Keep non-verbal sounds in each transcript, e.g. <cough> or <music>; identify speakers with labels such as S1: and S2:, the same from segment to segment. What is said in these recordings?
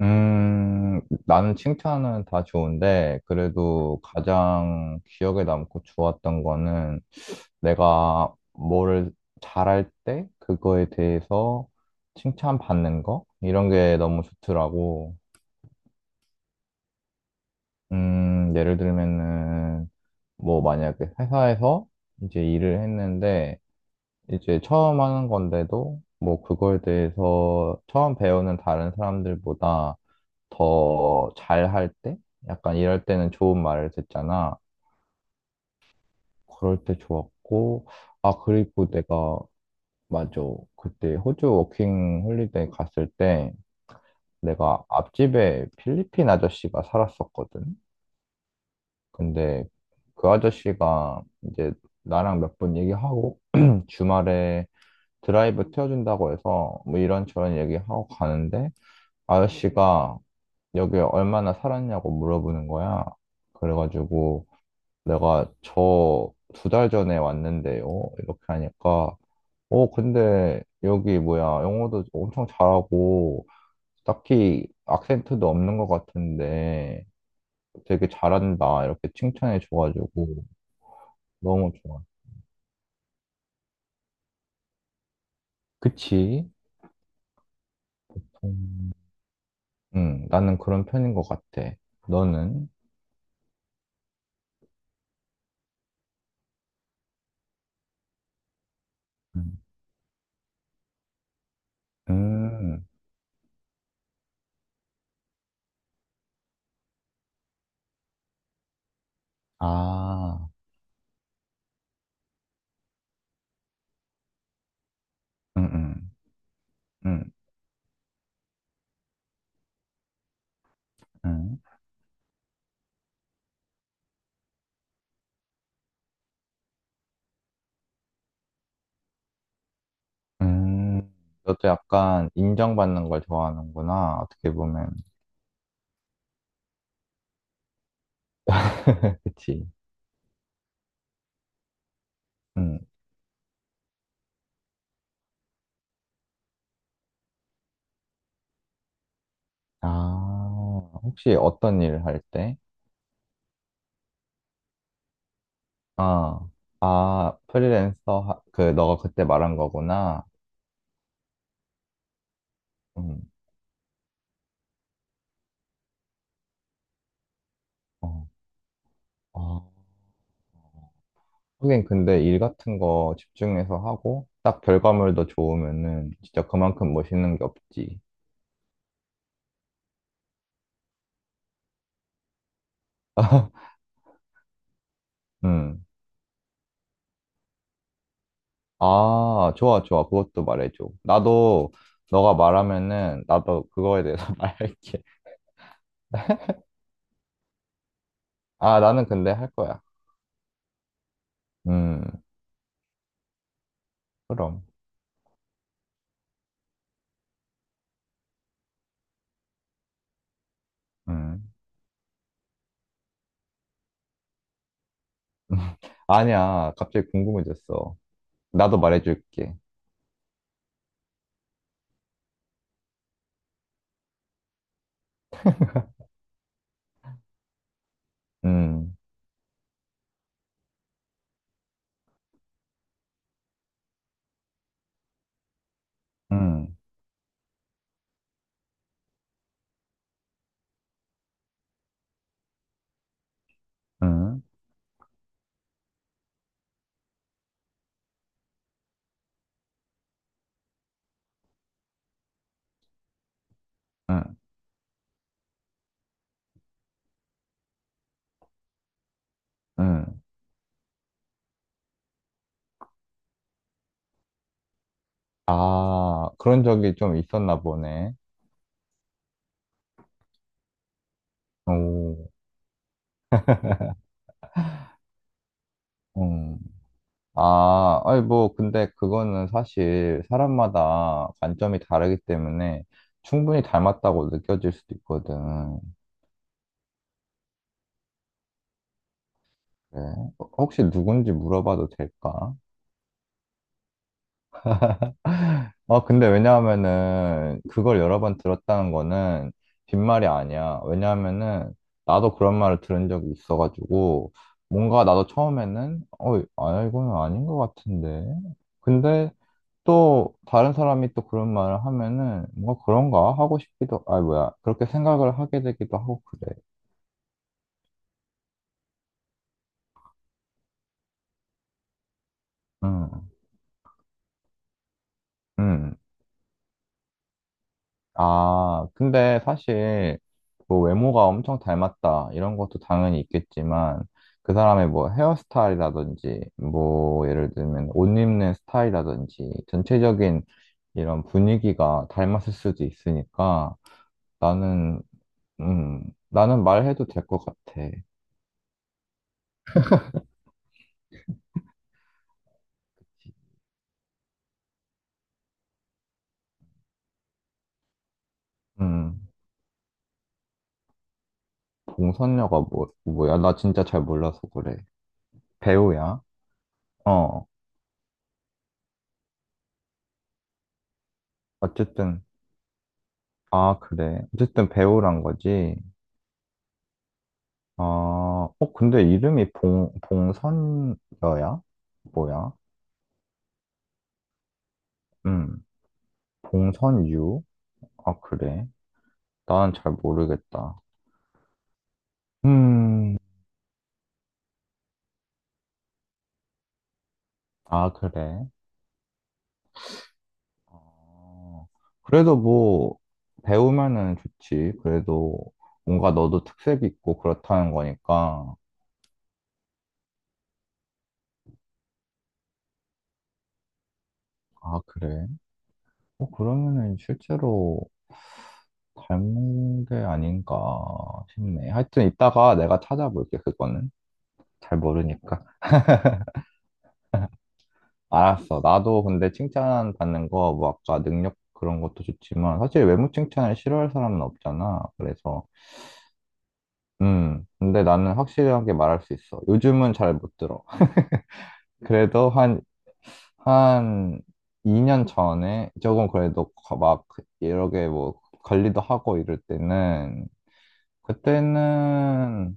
S1: 나는 칭찬은 다 좋은데, 그래도 가장 기억에 남고 좋았던 거는 내가 뭐를 잘할 때 그거에 대해서 칭찬받는 거? 이런 게 너무 좋더라고. 예를 들면은, 뭐 만약에 회사에서 이제 일을 했는데, 이제 처음 하는 건데도, 뭐 그거에 대해서 처음 배우는 다른 사람들보다 더 잘할 때? 약간 이럴 때는 좋은 말을 듣잖아. 그럴 때 좋았고, 아, 그리고 내가, 맞아. 그때 호주 워킹 홀리데이 갔을 때 내가 앞집에 필리핀 아저씨가 살았었거든. 근데 그 아저씨가 이제 나랑 몇 번 얘기하고 <clears throat> 주말에 드라이브 태워준다고 해서 뭐 이런저런 얘기하고 가는데 아저씨가 여기 얼마나 살았냐고 물어보는 거야. 그래가지고 내가 저 두 달 전에 왔는데요. 이렇게 하니까, 어, 근데 여기 뭐야, 영어도 엄청 잘하고, 딱히 악센트도 없는 것 같은데 되게 잘한다. 이렇게 칭찬해 줘가지고 너무 좋아. 그치? 음. 나는 그런 편인 것 같아. 너는? 음. 음. 아. 음. 음. 음. 음. 음. 너도 약간 인정받는 걸 좋아하는구나. 어떻게 보면. <laughs> 그치. 음. 아, 혹시 어떤 일을 할 때? 아. 아, 프리랜서, 그, 너가 그때 말한 거구나. 음. 어. 아, 하긴 근데 일 같은 거 집중해서 하고, 딱 결과물도 좋으면은 진짜 그만큼 멋있는 게 없지. <laughs> 음. 아, 좋아, 좋아. 그것도 말해줘. 나도, 너가 말하면은, 나도 그거에 대해서 <laughs> 말할게. 아, 나는 근데 할 거야. 음. 그럼. 음. <laughs> 아니야. 갑자기 궁금해졌어. 나도 말해줄게. 음. 음. 음. 음. 음. 아, 그런 적이 좀 있었나 보네. 오. 음. 아, 아니, 뭐, 근데 그거는 사실 사람마다 관점이 다르기 때문에 충분히 닮았다고 느껴질 수도 있거든. 네. 혹시 누군지 물어봐도 될까? 아, 근데 왜냐하면은 그걸 여러 번 들었다는 거는 빈말이 아니야. 왜냐하면은 나도 그런 말을 들은 적이 있어가지고 뭔가 나도 처음에는 어, 아, 이건 아닌 것 같은데. 근데 또 다른 사람이 또 그런 말을 하면은 뭔가 그런가 하고 싶기도, 아, 뭐야. 그렇게 생각을 하게 되기도 하고 그래. 응, 응. 아, 근데 사실 뭐 외모가 엄청 닮았다 이런 것도 당연히 있겠지만 그 사람의 뭐 헤어스타일이라든지 뭐 예를 들면 옷 입는 스타일이라든지 전체적인 이런 분위기가 닮았을 수도 있으니까 나는 음 나는 말해도 될 것 같아. 음. 봉선녀가 뭐 뭐야? 나 진짜 잘 몰라서 그래. 배우야? 어. 어쨌든 아 그래 어쨌든 배우란 거지. 아, 어, 근데 이름이 봉선여야? 뭐야? 음. 봉선유? 아, 그래. 난 잘 모르겠다. 음. 아, 그래. 어, 그래도 뭐, 배우면은 좋지. 그래도 뭔가 너도 특색 있고 그렇다는 거니까. 아, 그래. 어, 그러면은 실제로 닮은 게 아닌가 싶네. 하여튼 이따가 내가 찾아볼게, 그거는. 잘 모르니까. 알았어. 나도 근데 칭찬 받는 거, 뭐 아까 능력 그런 것도 좋지만, 사실 외모 칭찬을 싫어할 사람은 없잖아. 그래서, 근데 나는 확실하게 말할 수 있어. 요즘은 잘 못 들어. <laughs> 그래도 한 2년 전에 조금 그래도 막, 이렇게 뭐, 관리도 하고 이럴 때는, 그때는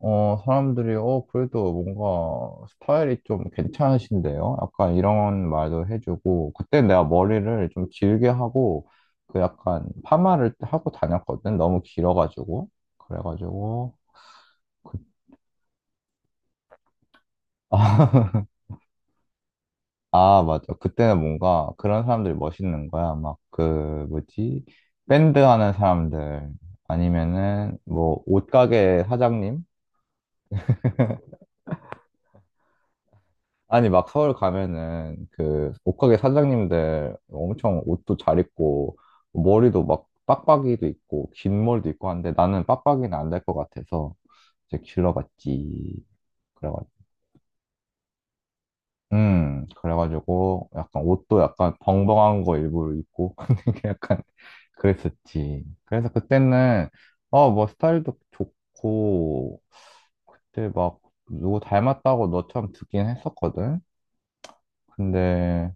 S1: 어, 사람들이, 어, 그래도 뭔가 스타일이 좀 괜찮으신데요? 약간 이런 말도 해주고, 그때 내가 머리를 좀 길게 하고, 그 약간 파마를 하고 다녔거든? 너무 길어가지고. 그래가지고, 그, <laughs> 아, 맞아. 그때는 뭔가 그런 사람들이 멋있는 거야. 막 그, 뭐지? 밴드 하는 사람들. 아니면은, 뭐, 옷가게 사장님? 아니, 막 서울 가면은 그 옷가게 사장님들 엄청 옷도 잘 입고 머리도 막 빡빡이도 있고 긴 머리도 있고 한데 나는 빡빡이는 안 될 것 같아서 이제 길러봤지. 그래가지고. 그래가지고 약간 옷도 약간 벙벙한 거 일부러 입고 <laughs> 되게 약간 그랬었지. 그래서 그때는 어, 뭐 스타일도 좋고 그때 막 누구 닮았다고 너처럼 듣긴 했었거든. 근데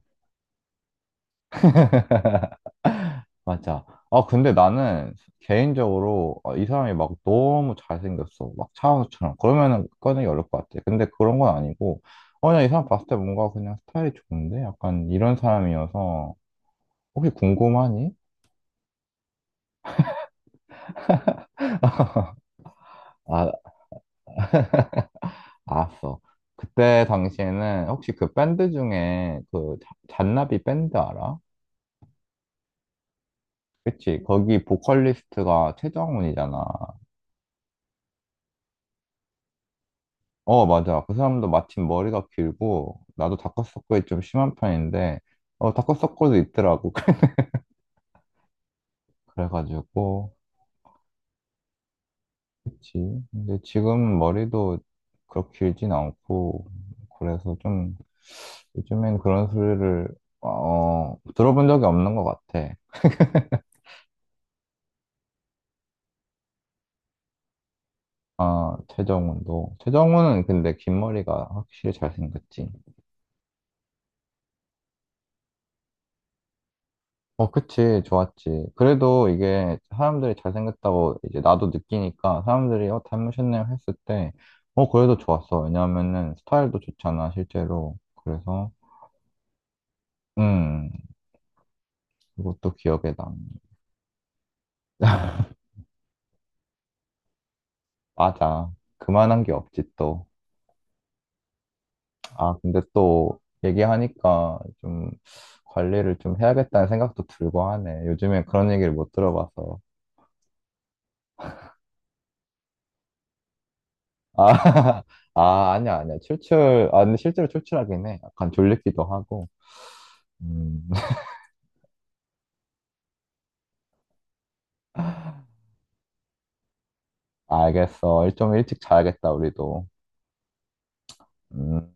S1: 맞아. 아, 근데 나는 개인적으로 아, 이 사람이 막 너무 잘생겼어. 막 차은우처럼. 그러면은 꺼내기 어려울 것 같아. 근데 그런 건 아니고, 어, 그냥 이 사람 봤을 때 뭔가 그냥 스타일이 좋은데? 약간 이런 사람이어서, 혹시 궁금하니? <laughs> 아, 알았어. 그때 당시에는 혹시 그 밴드 중에 잔나비 밴드 알아? 그치? 거기 보컬리스트가 최정훈이잖아. 어, 맞아. 그 사람도 마침 머리가 길고, 나도 다크서클이 좀 심한 편인데, 어, 다크서클도 있더라고. <laughs> 그래가지고, 그치. 근데 지금 머리도 그렇게 길진 않고, 그래서 좀, 요즘엔 그런 소리를, 어, 들어본 적이 없는 것 같아. 아, 최정훈도. 최정훈은 근데 긴 머리가 확실히 잘생겼지. 어, 그치, 좋았지. 그래도 이게 사람들이 잘생겼다고 이제 나도 느끼니까 사람들이 어, 닮으셨네요 했을 때, 어, 그래도 좋았어. 왜냐면은 스타일도 좋잖아, 실제로. 그래서, 음, 그것도 기억에 남. 맞아. 그만한 게 없지, 또. 아, 근데 또 얘기하니까 좀 관리를 좀 해야겠다는 생각도 들고 하네. 요즘에 그런 얘기를 못 들어봐서. 아, <laughs> 아, 아니야, 아니야. 출출, 아, 근데 실제로 출출하긴 해. 약간 졸리기도 하고. 음. 알겠어. 일 좀 일찍 자야겠다, 우리도. 음.